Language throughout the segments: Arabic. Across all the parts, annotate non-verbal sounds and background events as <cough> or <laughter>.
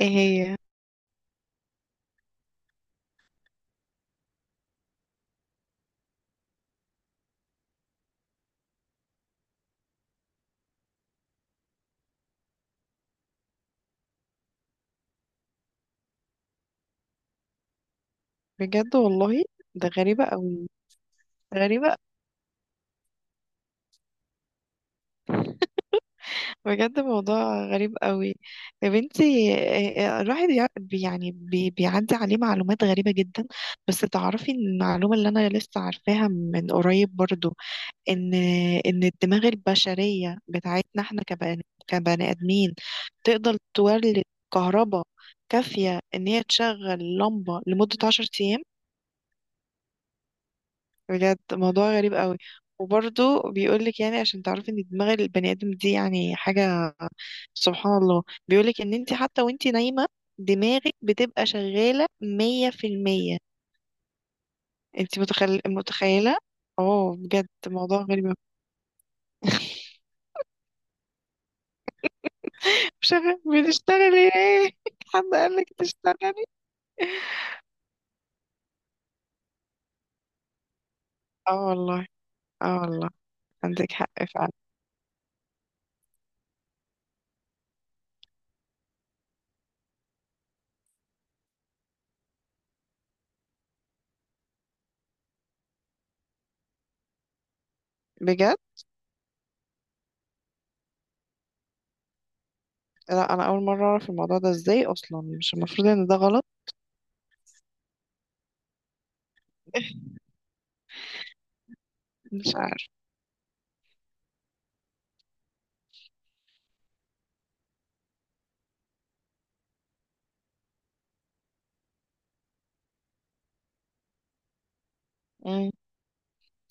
ايه هي؟ بجد والله؟ ده غريبة قوي. غريبة. بجد موضوع غريب قوي. يا بنتي. إيه- إيه، الواحد يع- بي- يعني بي بيعدي عليه معلومات غريبة جدا. بس تعرفي إن المعلومة اللي انا لسه عارفاها من قريب برضو، ان ان الدماغ البشرية بتاعتنا احنا كبني ادمين تقدر تولد كهرباء كافية ان هي تشغل لمبة لمدة 10 ايام. بجد موضوع غريب قوي. وبرضه بيقولك يعني عشان تعرفي ان دماغ البني ادم دي يعني حاجة. سبحان الله. بيقولك ان انت حتى وانت نايمة دماغك بتبقى شغالة 100%. انت متخيلة. اه بجد موضوع غريب أوي. شغال، بتشتغلي ايه؟ <laughs> حد قالك تشتغلي؟ اه والله. اه والله. عندك حق، فعلا. بجد؟ لا انا اول مرة اعرف الموضوع ده. ازاي اصلا؟ مش المفروض ان ده غلط؟ <laughs> مش عارف.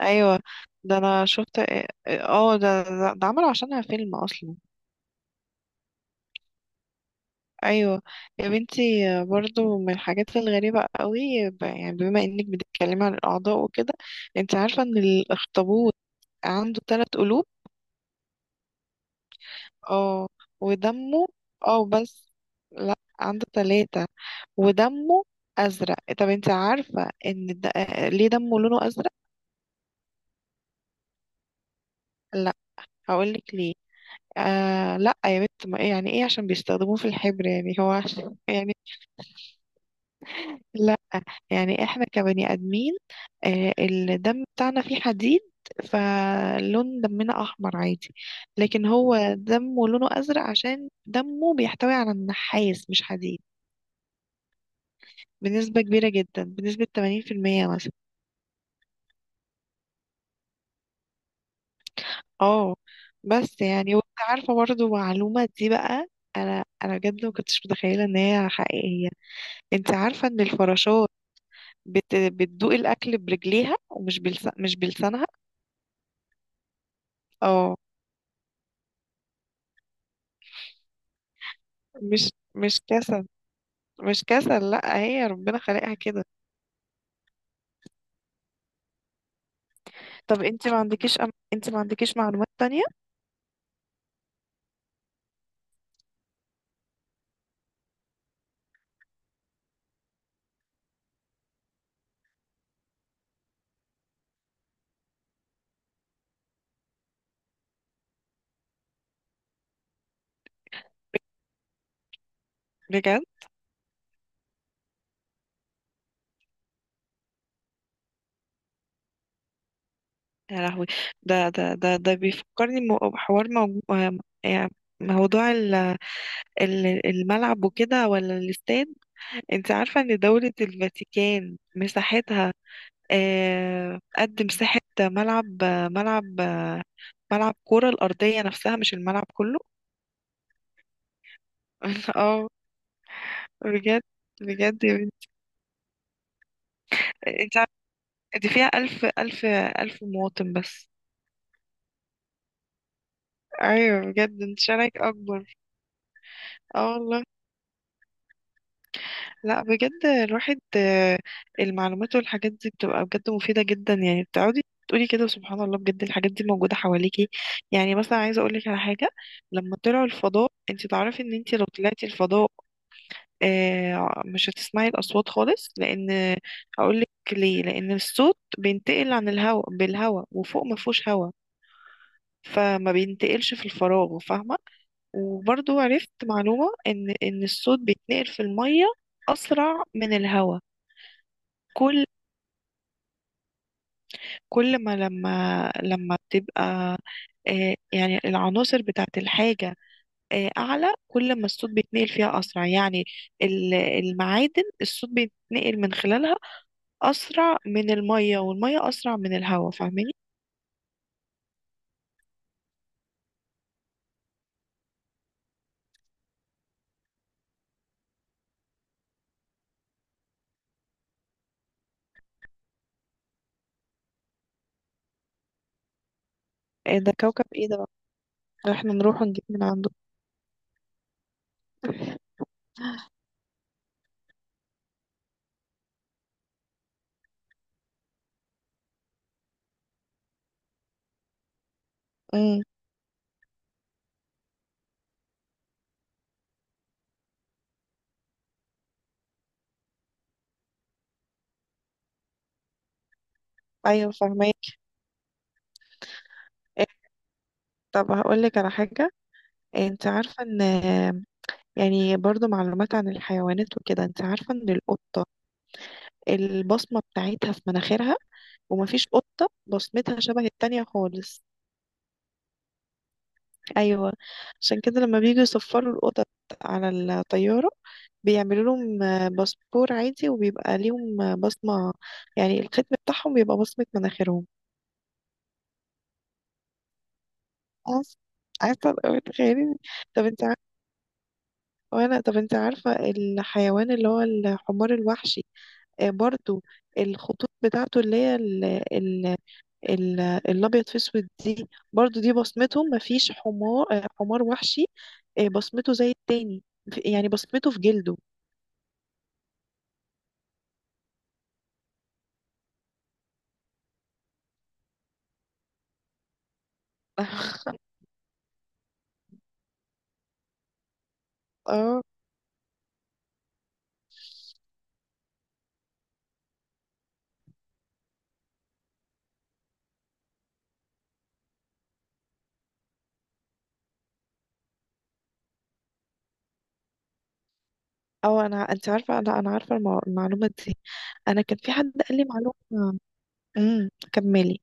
ايوه ده انا شفت. اه ده عملوا عشانها فيلم اصلا. ايوه. يا بنتي، برضو من الحاجات الغريبة قوي، يعني بما انك بتتكلمي عن الاعضاء وكده، انت عارفة ان الاخطبوط عنده 3 قلوب. اه. ودمه. اه بس. لا، عنده 3. ودمه ازرق. طب انت عارفة ان آه، ليه دمه لونه ازرق؟ لا، هقولك ليه. آه لا يا بنت، ما إيه يعني ايه عشان بيستخدموه في الحبر، يعني هو عشان <laughs> يعني؟ لا، يعني احنا كبني ادمين آه، الدم بتاعنا فيه حديد، فلون دمنا احمر عادي. لكن هو دمه لونه ازرق عشان دمه بيحتوي على النحاس مش حديد، بنسبة كبيرة جدا، بنسبة 80% مثلا. اه بس يعني، وانت عارفة برضه معلومة دي بقى، انا بجد ما كنتش متخيلة ان هي حقيقية. انت عارفة ان الفراشات بتدوق الاكل برجليها ومش مش بلسانها. اه. مش مش كاسة. مش كسل، لا، هي ربنا خلقها كده. طب انت ما عندكيش انت ما عندكيش معلومات تانية؟ بجد. يا لهوي. ده بيفكرني بحوار آه، يعني موضوع الملعب وكده، ولا الاستاد. انت عارفة ان دولة الفاتيكان مساحتها آه، قد مساحة ملعب، آه، ملعب، آه، ملعب كرة الأرضية نفسها مش الملعب كله. <laughs> اه. بجد. بجد يا بنتي. انت عارفة، دي فيها ألف ألف مواطن بس. ايوه بجد، انت شارعك اكبر. اه والله. لا بجد، الواحد آه، المعلومات والحاجات دي بتبقى بجد مفيده جدا. يعني بتقعدي تقولي كده سبحان الله بجد، الحاجات دي موجوده حواليكي. يعني مثلا عايزه اقول لك على حاجه، لما طلعوا الفضاء، انت تعرفي ان انت لو طلعتي الفضاء آه، مش هتسمعي الاصوات خالص. لان هقول لك ليه، لان الصوت بينتقل عن الهواء بالهواء، وفوق ما فيهوش هواء، فما بينتقلش في الفراغ، فاهمه؟ وبرضو عرفت معلومة إن الصوت بيتنقل في المية أسرع من الهواء. كل ما لما بتبقى آه، يعني العناصر بتاعت الحاجة آه، أعلى، كل ما الصوت بيتنقل فيها أسرع. يعني ال- المعادن الصوت بيتنقل من خلالها أسرع من المية، والمية أسرع من الهواء، فاهماني؟ آه، ده كوكب إيه ده بقى؟ إحنا نروح ونجيب من عنده. مم. أيوة فاهمة. طب هقول لك على حاجة. آه، انت عارفة ان، يعني برضو معلومات عن الحيوانات وكده، انت عارفة ان القطة البصمة بتاعتها في مناخيرها، ومفيش قطة بصمتها شبه التانية خالص. ايوه. عشان كده لما بييجوا يصفروا القطط على الطيارة بيعملوا لهم آه، باسبور عادي، وبيبقى ليهم آه، بصمة. يعني الختم بتاعهم بيبقى بصمة مناخيرهم. عارف- عارفة الأول، تخيلي. طب انت عارفة، وانا طب انت عارفة الحيوان اللي هو الحمار الوحشي آه، برضو الخطوط بتاعته اللي هي ال- الابيض في اسود دي، برضو دي بصمته. مفيش حمار آه، حمار وحشي آه، بصمته زي التاني. يعني بصمته في جلده. <laughs> اه. اه انا انت عارفه، انا عارفه المعلومه دي. انا كان في حد قال لي معلومه. امم، كملي.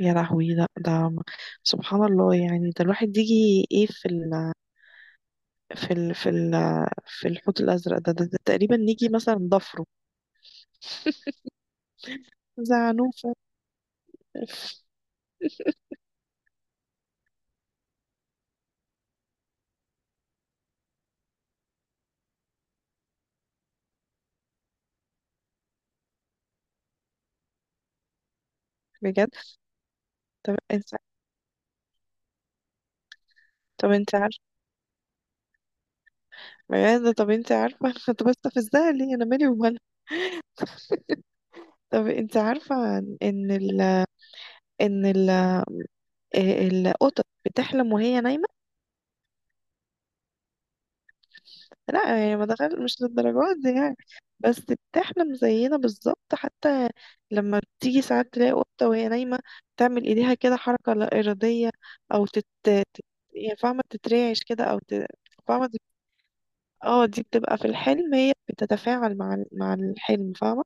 يا لهوي. ده سبحان الله. يعني ده الواحد يجي ايه في ال في الحوت الازرق ده, تقريبا نيجي مثلا ضفره، زعنوفه. بجد. طب انت. طب انت عارفه. يا ده طب انت عارفة <laughs> انا كنت بستفزها ليه؟ انا مالي ومالها؟ طب انت عارفة ان ان ال ال- القطط بتحلم وهي نايمة. لا يعني، ما دخل مش للدرجات دي يعني. بس بتحلم زينا بالظبط، حتى لما بتيجي ساعات تلاقي قطة وهي نايمة تعمل ايديها كده حركة لا إرادية، او يعني فاهمة تترعش كده او فاهمة تت- اه، دي بتبقى في الحلم، هي بتتفاعل مع مع الحلم، فاهمة؟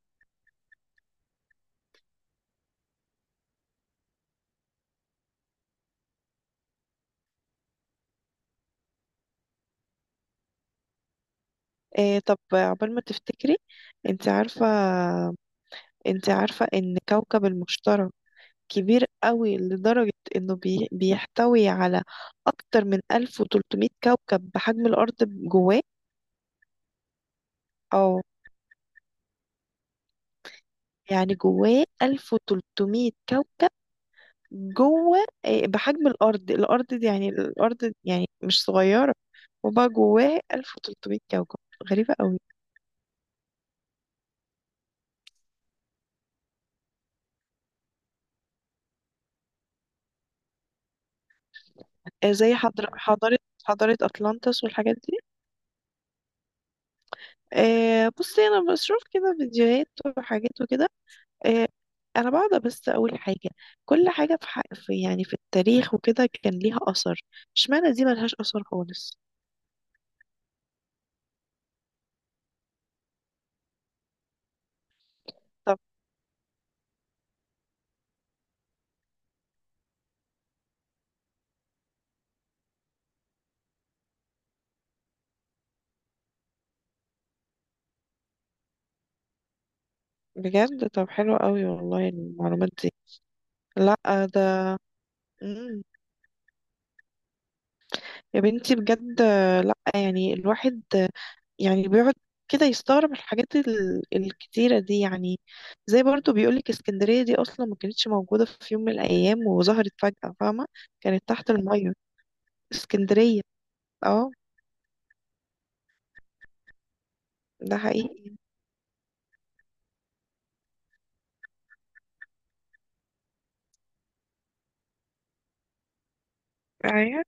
إيه طب عقبال ما تفتكري. انت عارفة، انت عارفة ان كوكب المشتري كبير قوي لدرجة انه بيحتوي على اكتر من 1300 كوكب بحجم الارض جواه. او يعني جواه 1300 كوكب جوه إيه، بحجم الارض. الارض دي يعني الارض يعني مش صغيرة، وبقى جواه 1300 كوكب. غريبة قوي. إيه زي حضارة، حضارة أطلانتس والحاجات. آه بصي، انا بشوف كده فيديوهات وحاجات وكده آه. انا بقعد بس اقول حاجه، كل حاجه في، حق في يعني في التاريخ وكده كان ليها اثر، اشمعنى دي ملهاش اثر خالص؟ طب. بجد؟ طب حلو قوي والله المعلومات دي. لا. ده. مم. يا بنتي بجد. لا يعني الواحد يعني بيقعد كده يستغرب الحاجات ال- الكتيرة دي يعني. زي برضو بيقولك اسكندرية دي أصلا ما كانتش موجودة في يوم من الأيام وظهرت فجأة، فاهمة؟ كانت تحت المية، اسكندرية. اه. ده حقيقي. ايوه.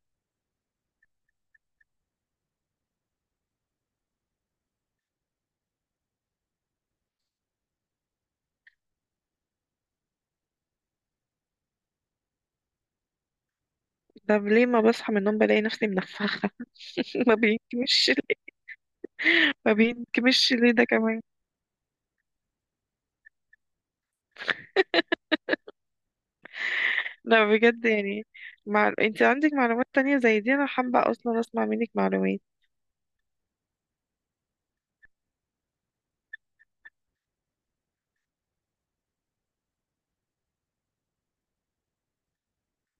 طب ليه ما بصحى من النوم بلاقي نفسي منفخه؟ <laughs> ما بينكمش. ما بينكمش ليه ده كمان؟ لا بجد يعني، مع... انت عندك معلومات تانية زي دي، انا حابه اصلا اسمع منك معلومات.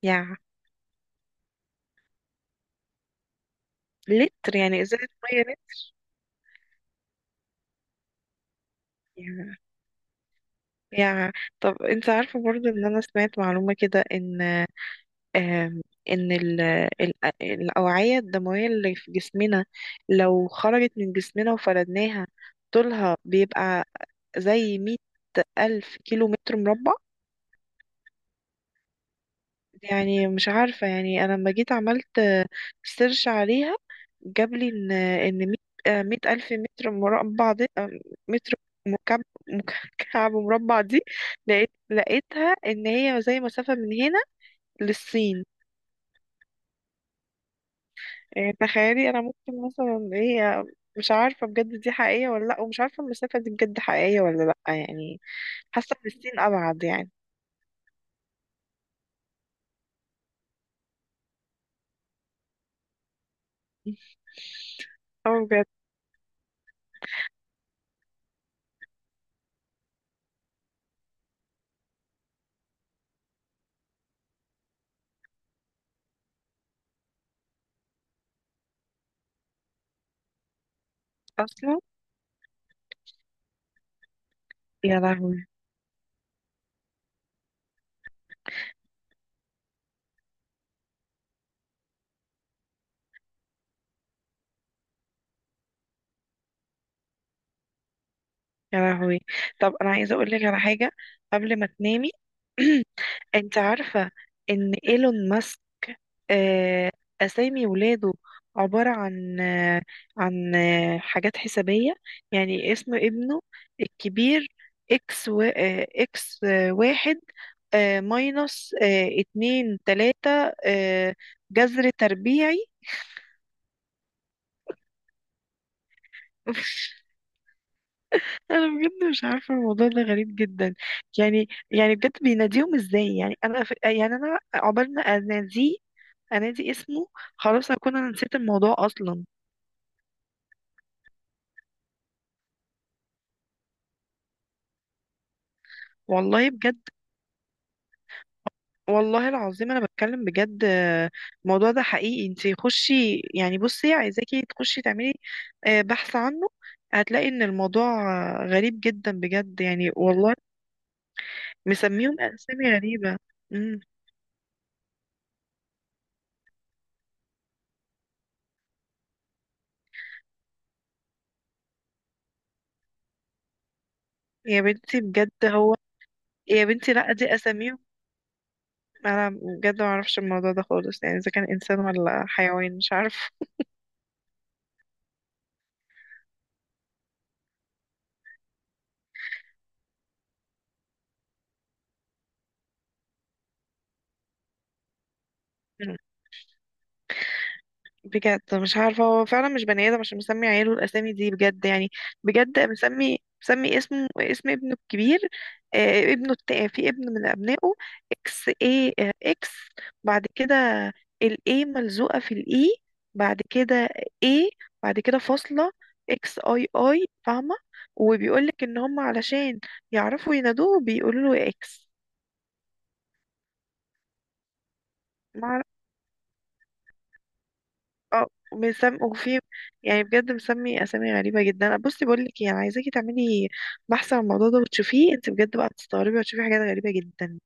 يا. لتر يعني ازازه ميه لتر؟ يا. يا. طب انت عارفه برضو ان انا سمعت معلومه كده ان آم، ان ال... الاوعيه الدمويه اللي في جسمنا لو خرجت من جسمنا وفردناها طولها بيبقى زي 100 ألف كيلو متر مربع. يعني مش عارفة، يعني أنا لما جيت عملت سيرش عليها جاب لي إن مية آه، 100 ألف متر مربع دي آه، متر مكعب، مكعب مربع دي. لقيتها إن هي زي مسافة من هنا للصين. يعني تخيلي. أنا ممكن مثلا هي مش عارفة بجد دي حقيقية ولا لأ، ومش عارفة المسافة دي بجد حقيقية ولا لأ يعني. حاسة إن الصين أبعد يعني. اه بجد. أصلا. يا لهوي. يا لهوي. طب انا عايزه اقول لك على حاجه قبل ما تنامي. <clears throat> انت عارفه ان ايلون ماسك آه، اسامي ولاده عباره عن آه، عن آه، حاجات حسابيه. يعني اسم ابنه الكبير اكس آه، اكس آه، واحد آه، ماينص آه، اتنين تلاته آه، جذر تربيعي. <laughs> انا بجد مش عارفه، الموضوع ده غريب جدا. يعني بجد بيناديهم ازاي يعني؟ انا يعني انا عقبال ما اناديه، انادي اسمه، خلاص هكون انا نسيت الموضوع اصلا. والله بجد. والله العظيم انا بتكلم بجد. آه، الموضوع ده حقيقي. انتي خشي، يعني بصي عايزاكي تخشي تعملي آه، بحث عنه، هتلاقي ان الموضوع آه، غريب جدا بجد يعني والله. مسميهم اسامي غريبة. امم. يا بنتي بجد هو. يا بنتي لا دي اساميهم. انا بجد ما اعرفش الموضوع ده خالص، يعني اذا كان انسان ولا حيوان مش عارف. بجد مش عارفه، هو فعلا مش بني ادم عشان مسمي عياله الاسامي دي بجد يعني. بجد مسمي اسمه، اسم ابنه الكبير، آه، ابنه التا في ابن من ابنائه، اكس اي، آه اكس بعد كده، الاي ملزوقه في الاي بعد كده، اي بعد كده فاصله، اكس اي اي، فاهمه؟ وبيقولك ان هم علشان يعرفوا ينادوه بيقولوا له اكس. اه. مسم وفي. يعني بجد مسمي اسامي غريبه جدا. بصي بقول لك ايه، انا عايزاكي تعملي بحث عن الموضوع ده وتشوفيه انت بجد بقى، تستغربي وتشوفي حاجات غريبه جدا.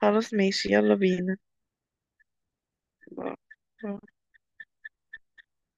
خلاص، ماشي، يلا بينا.